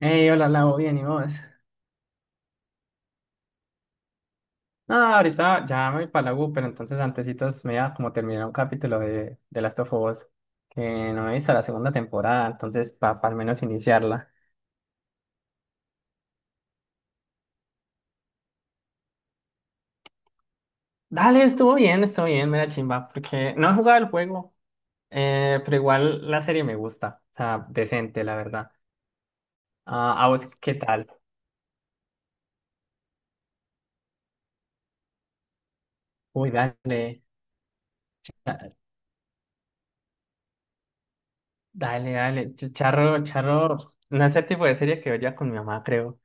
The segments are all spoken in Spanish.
Hey, hola, Lau, bien, ¿y vos? No, ahorita ya me voy para la U, pero entonces antecitos me iba a como terminar un capítulo de Last of Us, que no he visto la segunda temporada, entonces para al menos iniciarla. Dale, estuvo bien, me da chimba, porque no he jugado el juego, pero igual la serie me gusta, o sea, decente, la verdad. Ah, ¿a vos qué tal? Uy, dale, da- dale, dale, charro, charro, no es el tipo de serie que vería con mi mamá, creo.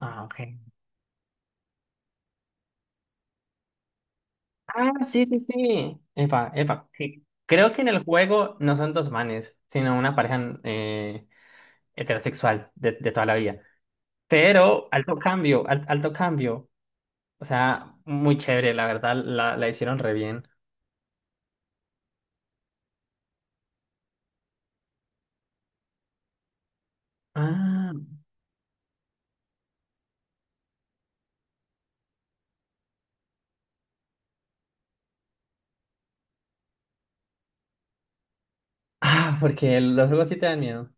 Ah, ok. Ah, sí, sí, sí. Epa, epa. Sí. Creo que en el juego no son dos manes, sino una pareja heterosexual de toda la vida. Pero alto cambio, alto cambio. O sea, muy chévere, la verdad, la hicieron re bien. Ah, ah, porque los juegos sí te dan miedo.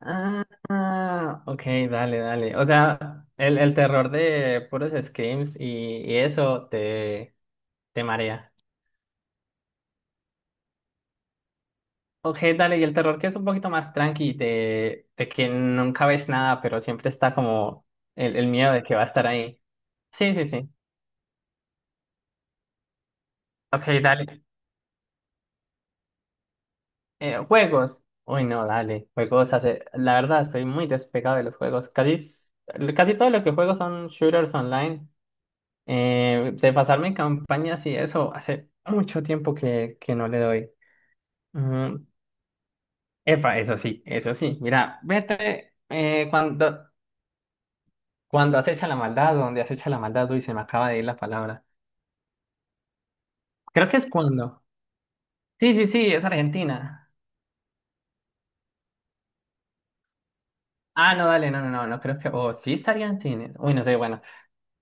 Ah, ah, ok, dale, dale. O sea, el terror de puros screams y eso te, marea. Ok, dale, y el terror que es un poquito más tranqui, de que nunca ves nada, pero siempre está como el miedo de que va a estar ahí. Sí, sí, sí. Ok, dale. Juegos. Uy, no, dale. Juegos hace. La verdad, estoy muy despegado de los juegos. Casi, casi todo lo que juego son shooters online. De pasarme en campañas y eso, hace mucho tiempo que no le doy. Mm, Epa, eso sí, eso sí. Mira, vete, Cuando acecha la maldad, o donde acecha la maldad, uy, se me acaba de ir la palabra. Creo que es cuando. Sí, sí, sí, es Argentina. Ah, no, dale, no, no, no, no creo que. O sí estaría en cine. Uy, no sé, bueno.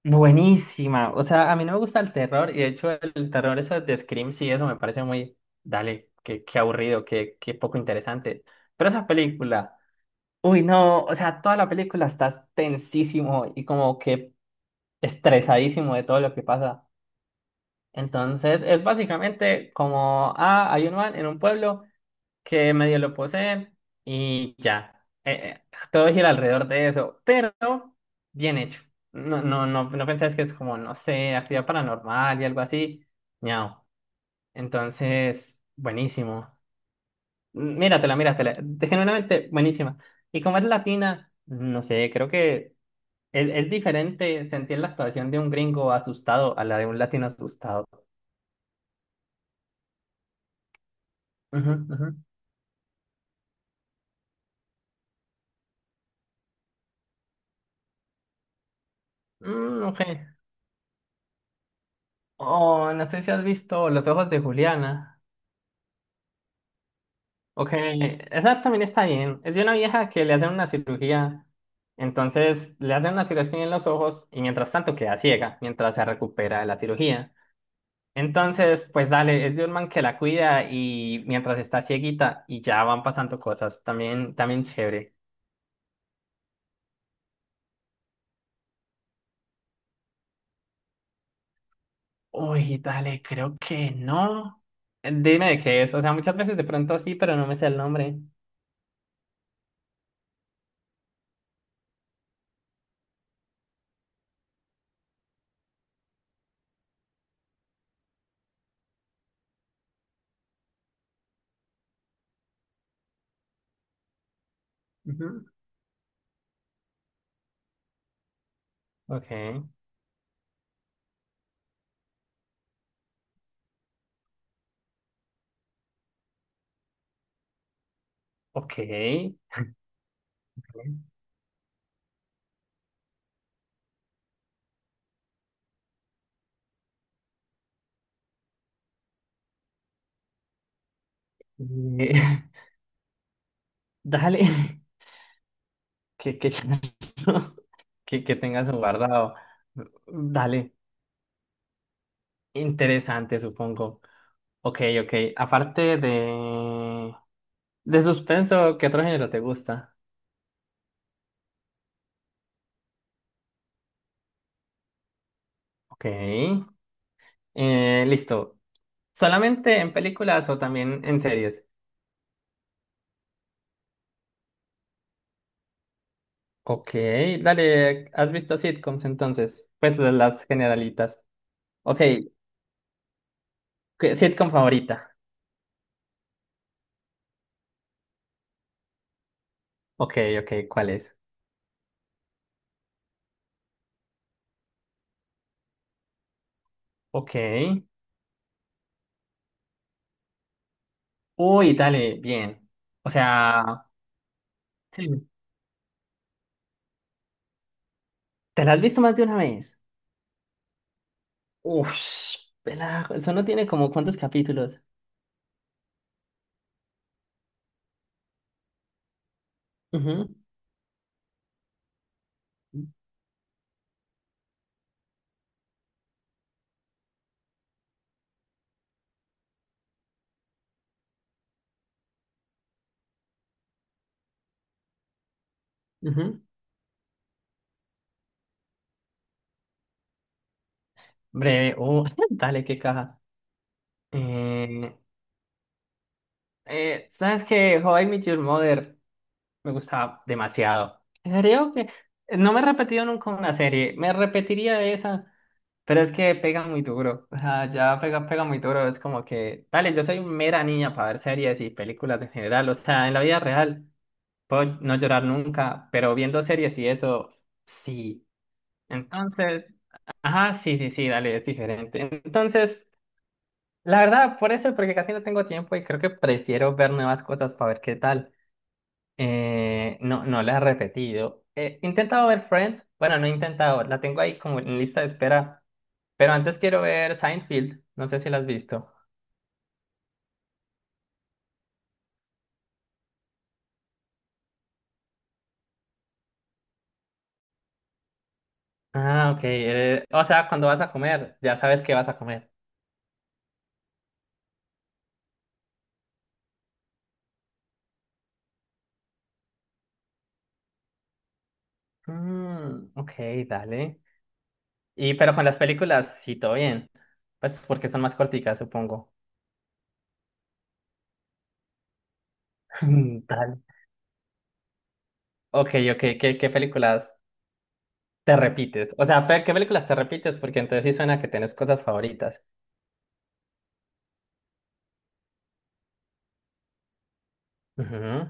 Buenísima. O sea, a mí no me gusta el terror, y de hecho, el terror eso de Scream, sí, eso me parece muy. Dale, qué aburrido, qué poco interesante. Pero esa película. Uy, no, o sea, toda la película estás tensísimo y como que estresadísimo de todo lo que pasa. Entonces es básicamente como, hay un man en un pueblo que medio lo poseen y ya. Todo gira alrededor de eso, pero bien hecho. No, no, no, no pensás que es como, no sé, actividad paranormal y algo así. Ñao. Entonces, buenísimo. Míratela, míratela. Genuinamente buenísima. Y como es latina, no sé, creo que es diferente sentir la actuación de un gringo asustado a la de un latino asustado. Ujú, ujú. Mm, ok. O no sé si has visto Los ojos de Juliana. Ok, esa también está bien. Es de una vieja que le hacen una cirugía. Entonces le hacen una cirugía en los ojos y mientras tanto queda ciega, mientras se recupera de la cirugía. Entonces, pues dale, es de un man que la cuida y mientras está cieguita y ya van pasando cosas. También, también chévere. Uy, dale, creo que no. Dime de qué es. O sea, muchas veces de pronto sí, pero no me sé el nombre. Ujú. Ok, ok. Eh, dale, que, ya no- que tengas un guardado. Dale, interesante, supongo. Ok, ok. Aparte de suspenso, ¿qué otro género te gusta? Ok, listo. ¿Solamente en películas o también en series? Ok, dale, ¿has visto sitcoms entonces? Pues de las generalitas. Ok, ¿sitcom favorita? Ok, ok, ¿cuál es? Ok. Uy, dale, bien. O sea, sí, ¿te la has visto más de una vez? Uff, eso no tiene como cuántos capítulos. Ujú, ujú. Breve, oh, dale, qué caja. Eh, ¿Sabes qué? How I Met Your Mother me gustaba demasiado. Creo que no me he repetido nunca una serie, me repetiría esa, pero es que pega muy duro. O sea, ya pega, pega muy duro. Es como que, dale, yo soy mera niña para ver series y películas en general, o sea, en la vida real. Puedo no llorar nunca, pero viendo series y eso, sí. Entonces, ajá, sí, sí, sí, dale, es diferente. Entonces, la verdad, por eso, porque casi no tengo tiempo y creo que prefiero ver nuevas cosas para ver qué tal. No, no la he repetido. He intentado ver Friends, bueno, no he intentado, la tengo ahí como en lista de espera, pero antes quiero ver Seinfeld, no sé si la has visto. Ah, ok, o sea, cuando vas a comer, ya sabes qué vas a comer. Mm, ok, dale. Y pero con las películas, sí, todo bien. Pues porque son más corticas, supongo. Tal. Ok, ok, ¿qué películas te repites. O sea, ¿qué películas te repites? Porque entonces sí suena que tienes cosas favoritas. Ujú.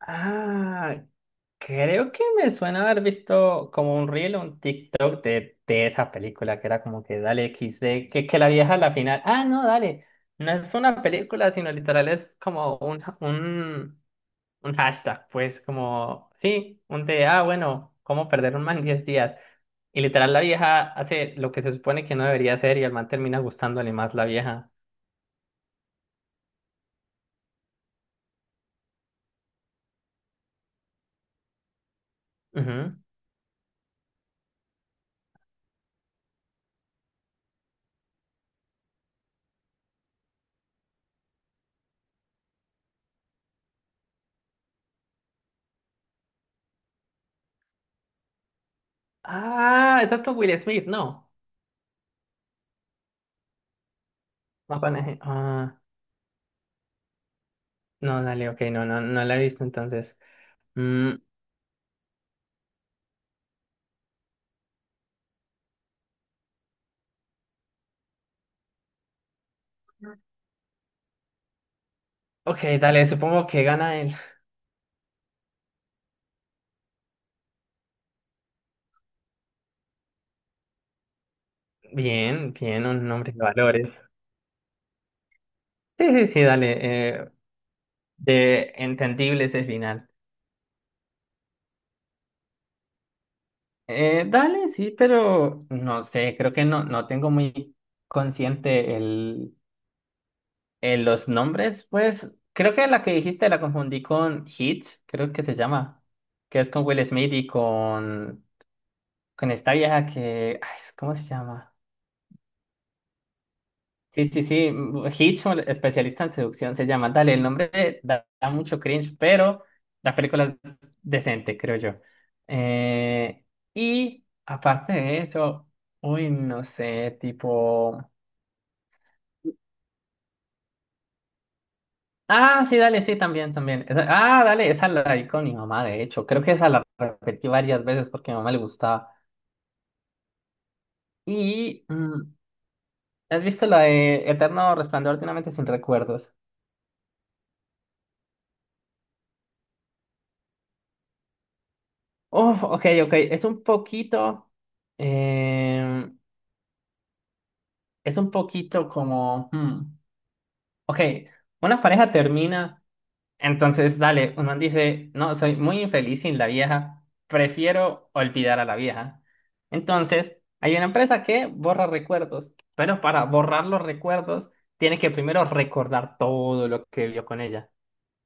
Ah, creo que me suena haber visto como un reel o un TikTok de esa película que era como que dale XD, que la vieja a la final. Ah, no, dale. No es una película, sino literal es como un hashtag, pues como, sí, un de, bueno, ¿cómo perder un man en 10 días? Y literal la vieja hace lo que se supone que no debería hacer y el man termina gustándole más la vieja. Ujú. Ah, estás con Will Smith, no. No, con ah, no, dale, ok, no, no, no la he visto entonces. Mm, ok, dale, supongo que gana él. Bien, bien, un hombre de valores. Sí, sí, sí, dale. De entendible ese final. Dale, sí, pero no sé, creo que no, no tengo muy consciente el, los nombres. Pues creo que la que dijiste la confundí con Hitch, creo que se llama, que es con Will Smith y con esta vieja que, ay, ¿cómo se llama? Sí, sí, sí. Hitch, un especialista en seducción, se llama. Dale, el nombre da mucho cringe, pero la película es decente, creo yo. Eh, y aparte de eso, uy, no sé, tipo. Ah, sí, dale, sí, también, también. Dale, esa la vi con mi mamá, de hecho. Creo que esa la repetí varias veces porque a mi mamá le gustaba. Y, ¿has visto la de Eterno Resplandor de una mente sin recuerdos? Uf, ok, ok. Es un poquito. em, es un poquito como. Hmm, Ok, una pareja termina. Entonces, dale, un man dice: No, soy muy infeliz sin la vieja. Prefiero olvidar a la vieja. Entonces, hay una empresa que borra recuerdos. Pero para borrar los recuerdos, tiene que primero recordar todo lo que vio con ella.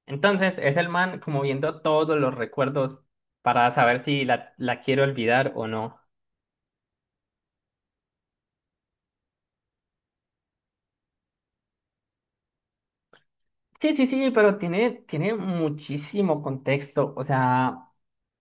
Entonces, es el man como viendo todos los recuerdos para saber si la quiere olvidar o no. Sí, sí, sí, pero tiene muchísimo contexto, o sea,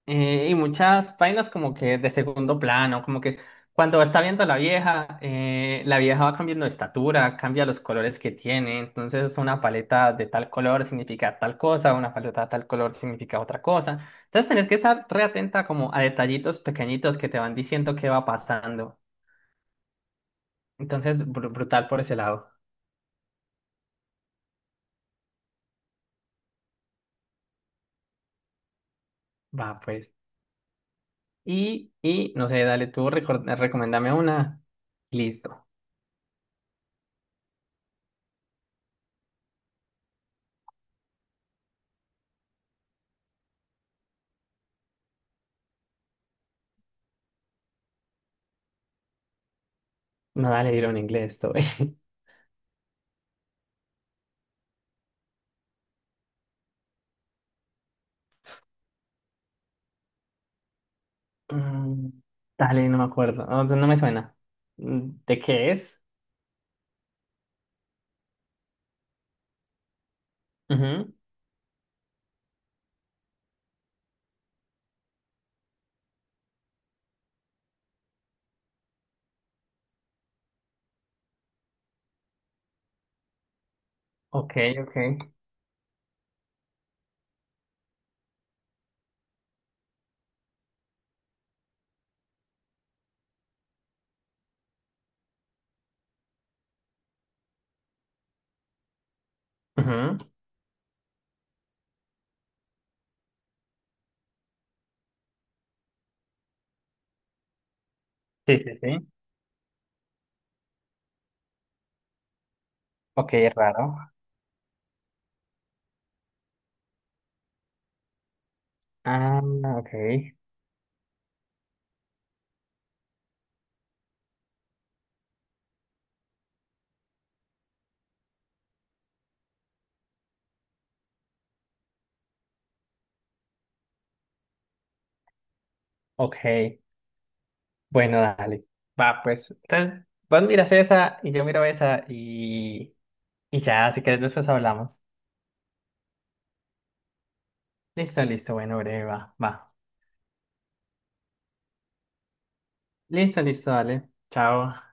y muchas vainas como que de segundo plano, como que cuando está viendo a la vieja va cambiando de estatura, cambia los colores que tiene, entonces una paleta de tal color significa tal cosa, una paleta de tal color significa otra cosa, entonces tenés que estar re atenta como a detallitos pequeñitos que te van diciendo qué va pasando, entonces brutal por ese lado, va pues. Y no sé, dale tú, recomendame una. Listo. No, dale, dilo en inglés, estoy. Mm, dale, no me acuerdo. O sea, no me suena. ¿De qué es? Ujú. Ok, ok. Ujú. Sí, sí, sí. Ok, es raro. Ah, ok. Ok. Bueno, dale. Va, pues. Entonces, vos miras esa y yo miro esa y ya, si querés después hablamos. Listo, listo. Bueno, breve, va. Va. Listo, listo, dale. Chao.